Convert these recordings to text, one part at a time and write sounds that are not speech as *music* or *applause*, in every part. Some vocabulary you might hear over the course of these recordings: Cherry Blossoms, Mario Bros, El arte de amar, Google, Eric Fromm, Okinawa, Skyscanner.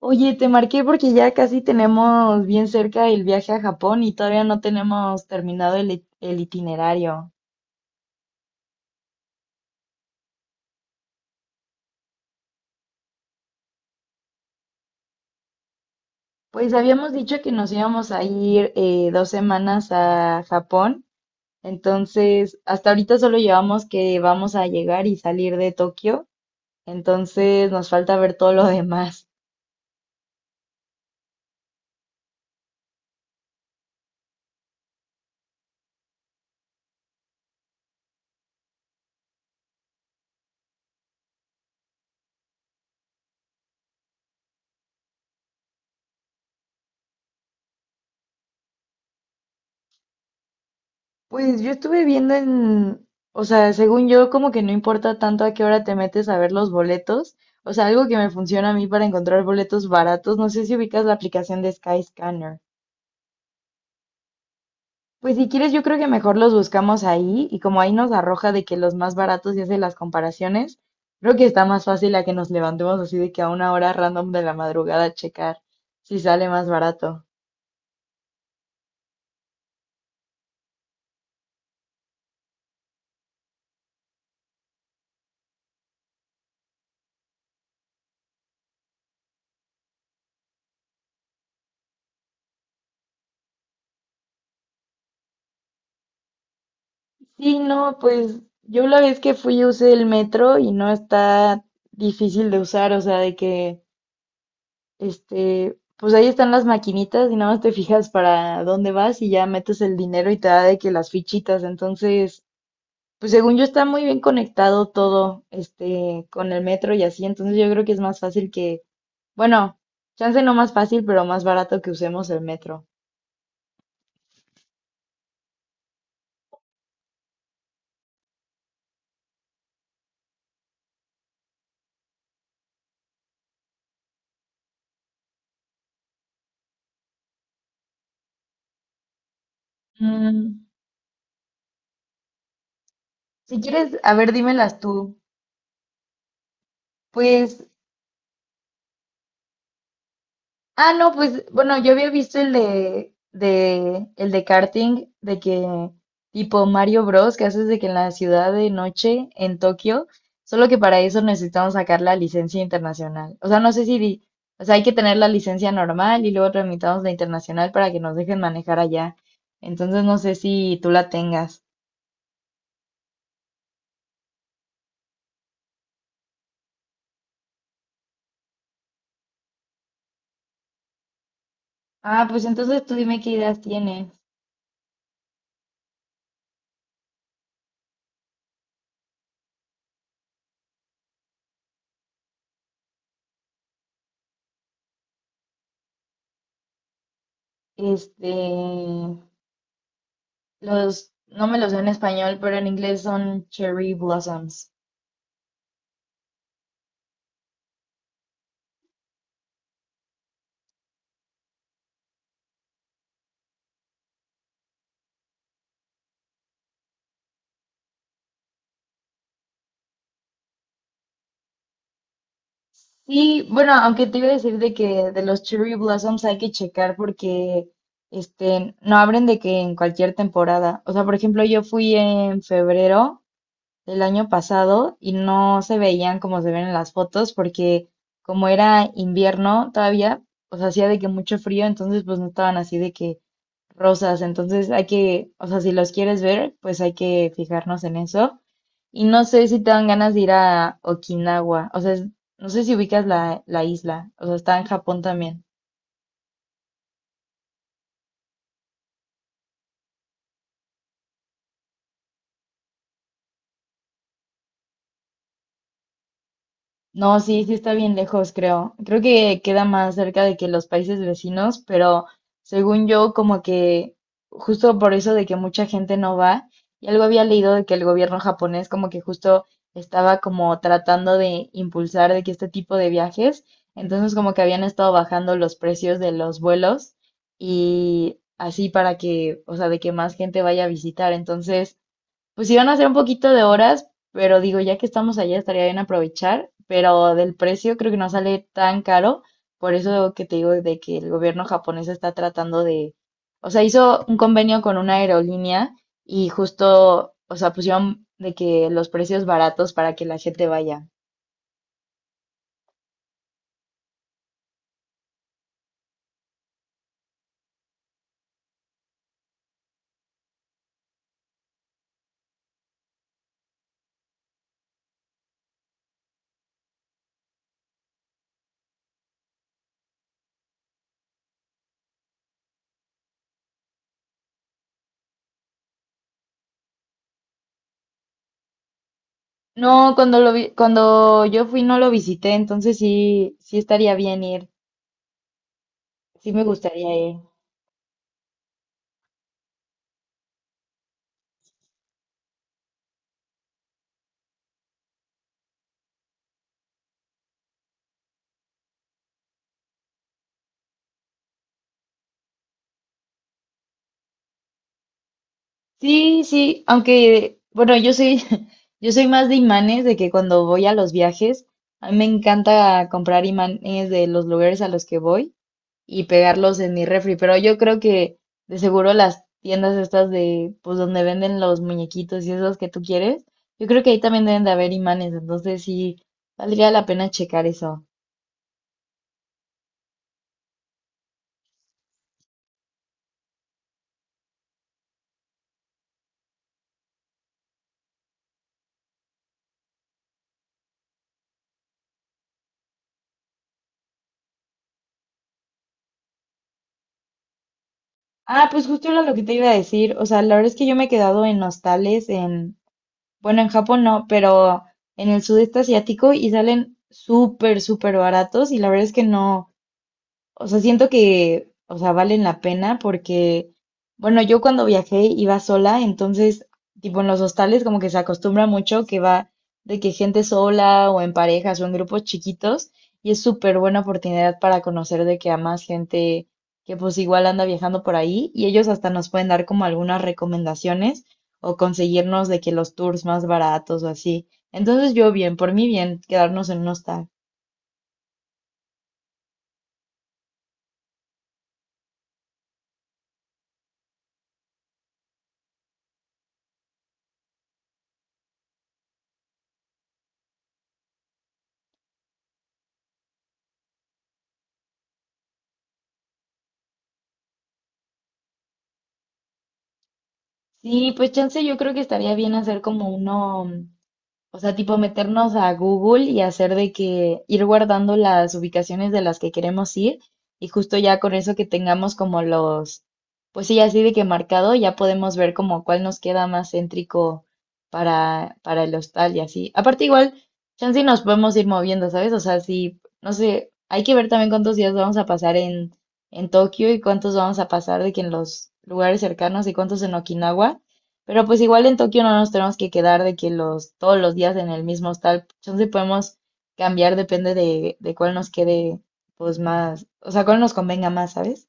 Oye, te marqué porque ya casi tenemos bien cerca el viaje a Japón y todavía no tenemos terminado el itinerario. Pues habíamos dicho que nos íbamos a ir dos semanas a Japón, entonces hasta ahorita solo llevamos que vamos a llegar y salir de Tokio, entonces nos falta ver todo lo demás. Pues yo estuve viendo en, o sea, según yo, como que no importa tanto a qué hora te metes a ver los boletos. O sea, algo que me funciona a mí para encontrar boletos baratos. No sé si ubicas la aplicación de Skyscanner. Pues si quieres, yo creo que mejor los buscamos ahí y como ahí nos arroja de que los más baratos y hace las comparaciones, creo que está más fácil a que nos levantemos así de que a una hora random de la madrugada a checar si sale más barato. Sí, no, pues yo la vez que fui usé el metro y no está difícil de usar, o sea, de que, este, pues ahí están las maquinitas y nada más te fijas para dónde vas y ya metes el dinero y te da de que las fichitas, entonces, pues según yo está muy bien conectado todo, este, con el metro y así, entonces yo creo que es más fácil que, bueno, chance no más fácil, pero más barato que usemos el metro. Mm, si quieres, a ver, dímelas tú. Pues ah, no, pues bueno, yo había visto el el de karting, de que tipo Mario Bros. Que haces de que en la ciudad de noche en Tokio, solo que para eso necesitamos sacar la licencia internacional. O sea, no sé si, o sea, hay que tener la licencia normal y luego tramitamos la internacional para que nos dejen manejar allá. Entonces no sé si tú la tengas. Ah, pues entonces tú dime qué ideas tienes. Este, los, no me los sé en español, pero en inglés son cherry blossoms. Sí, bueno, aunque te iba a decir de que de los Cherry Blossoms hay que checar porque este no abren de que en cualquier temporada. O sea, por ejemplo, yo fui en febrero del año pasado y no se veían como se ven en las fotos porque como era invierno todavía, pues hacía de que mucho frío, entonces pues no estaban así de que rosas. Entonces hay que, o sea, si los quieres ver, pues hay que fijarnos en eso. Y no sé si te dan ganas de ir a Okinawa. O sea, no sé si ubicas la isla. O sea, está en Japón también. No, sí, sí está bien lejos, creo. Creo que queda más cerca de que los países vecinos, pero según yo, como que justo por eso de que mucha gente no va, y algo había leído de que el gobierno japonés como que justo estaba como tratando de impulsar de que este tipo de viajes, entonces como que habían estado bajando los precios de los vuelos y así para que, o sea, de que más gente vaya a visitar. Entonces, pues iban a ser un poquito de horas, pero digo, ya que estamos allá estaría bien aprovechar, pero del precio creo que no sale tan caro, por eso que te digo de que el gobierno japonés está tratando de, o sea, hizo un convenio con una aerolínea y justo, o sea, pusieron de que los precios baratos para que la gente vaya. No, cuando cuando yo fui no lo visité, entonces sí, sí estaría bien ir, sí me gustaría ir. Sí, sí, aunque, bueno, yo soy, *laughs* yo soy más de imanes, de que cuando voy a los viajes, a mí me encanta comprar imanes de los lugares a los que voy y pegarlos en mi refri, pero yo creo que de seguro las tiendas estas de, pues donde venden los muñequitos y esos que tú quieres, yo creo que ahí también deben de haber imanes, entonces sí, valdría la pena checar eso. Ah, pues justo era lo que te iba a decir, o sea, la verdad es que yo me he quedado en hostales. Bueno, en Japón no, pero en el sudeste asiático, y salen súper, súper baratos y la verdad es que no, o sea, siento que, o sea, valen la pena porque, bueno, yo cuando viajé iba sola, entonces, tipo en los hostales como que se acostumbra mucho que va de que gente sola o en parejas o en grupos chiquitos y es súper buena oportunidad para conocer de que a más gente que pues igual anda viajando por ahí y ellos hasta nos pueden dar como algunas recomendaciones o conseguirnos de que los tours más baratos o así. Entonces yo bien, por mí bien, quedarnos en un hostal. Sí, pues chance yo creo que estaría bien hacer como uno, o sea, tipo meternos a Google y hacer de que ir guardando las ubicaciones de las que queremos ir y justo ya con eso que tengamos como los, pues sí, así de que marcado, ya podemos ver como cuál nos queda más céntrico para el hostal y así. Aparte igual, chance y nos podemos ir moviendo, ¿sabes? O sea, sí, no sé, hay que ver también cuántos días vamos a pasar en Tokio y cuántos vamos a pasar de que en los lugares cercanos y cuántos en Okinawa. Pero pues igual en Tokio no nos tenemos que quedar de que los, todos los días en el mismo hostal. Entonces podemos cambiar, depende de cuál nos quede pues más, o sea, cuál nos convenga más, ¿sabes?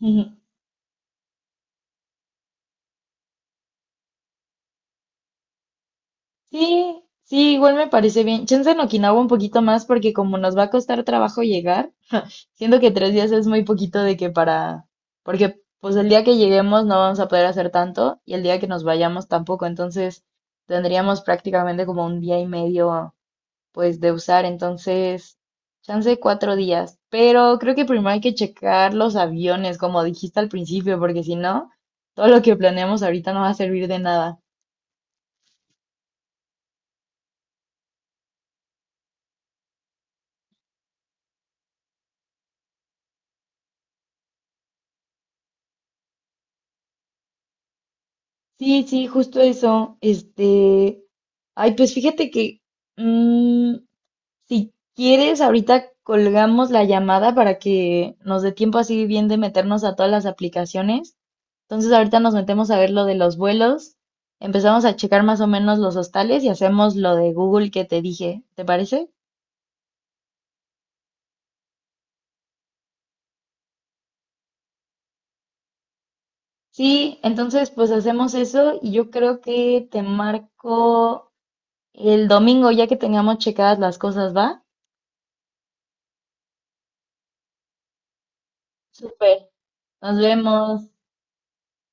Ujú. Sí, sí, igual me parece bien. Chance en Okinawa un poquito más porque como nos va a costar trabajo llegar, siento que 3 días es muy poquito de que para, porque pues el día que lleguemos no vamos a poder hacer tanto y el día que nos vayamos tampoco, entonces tendríamos prácticamente como un día y medio pues de usar, entonces, chance 4 días. Pero creo que primero hay que checar los aviones, como dijiste al principio, porque si no, todo lo que planeamos ahorita no va a servir de nada. Sí, sí, justo eso. Este, ay, pues fíjate que, mm, si quieres, ahorita colgamos la llamada para que nos dé tiempo así bien de meternos a todas las aplicaciones. Entonces ahorita nos metemos a ver lo de los vuelos, empezamos a checar más o menos los hostales y hacemos lo de Google que te dije, ¿te parece? Sí, entonces pues hacemos eso y yo creo que te marco el domingo ya que tengamos checadas las cosas, ¿va? Súper, nos vemos.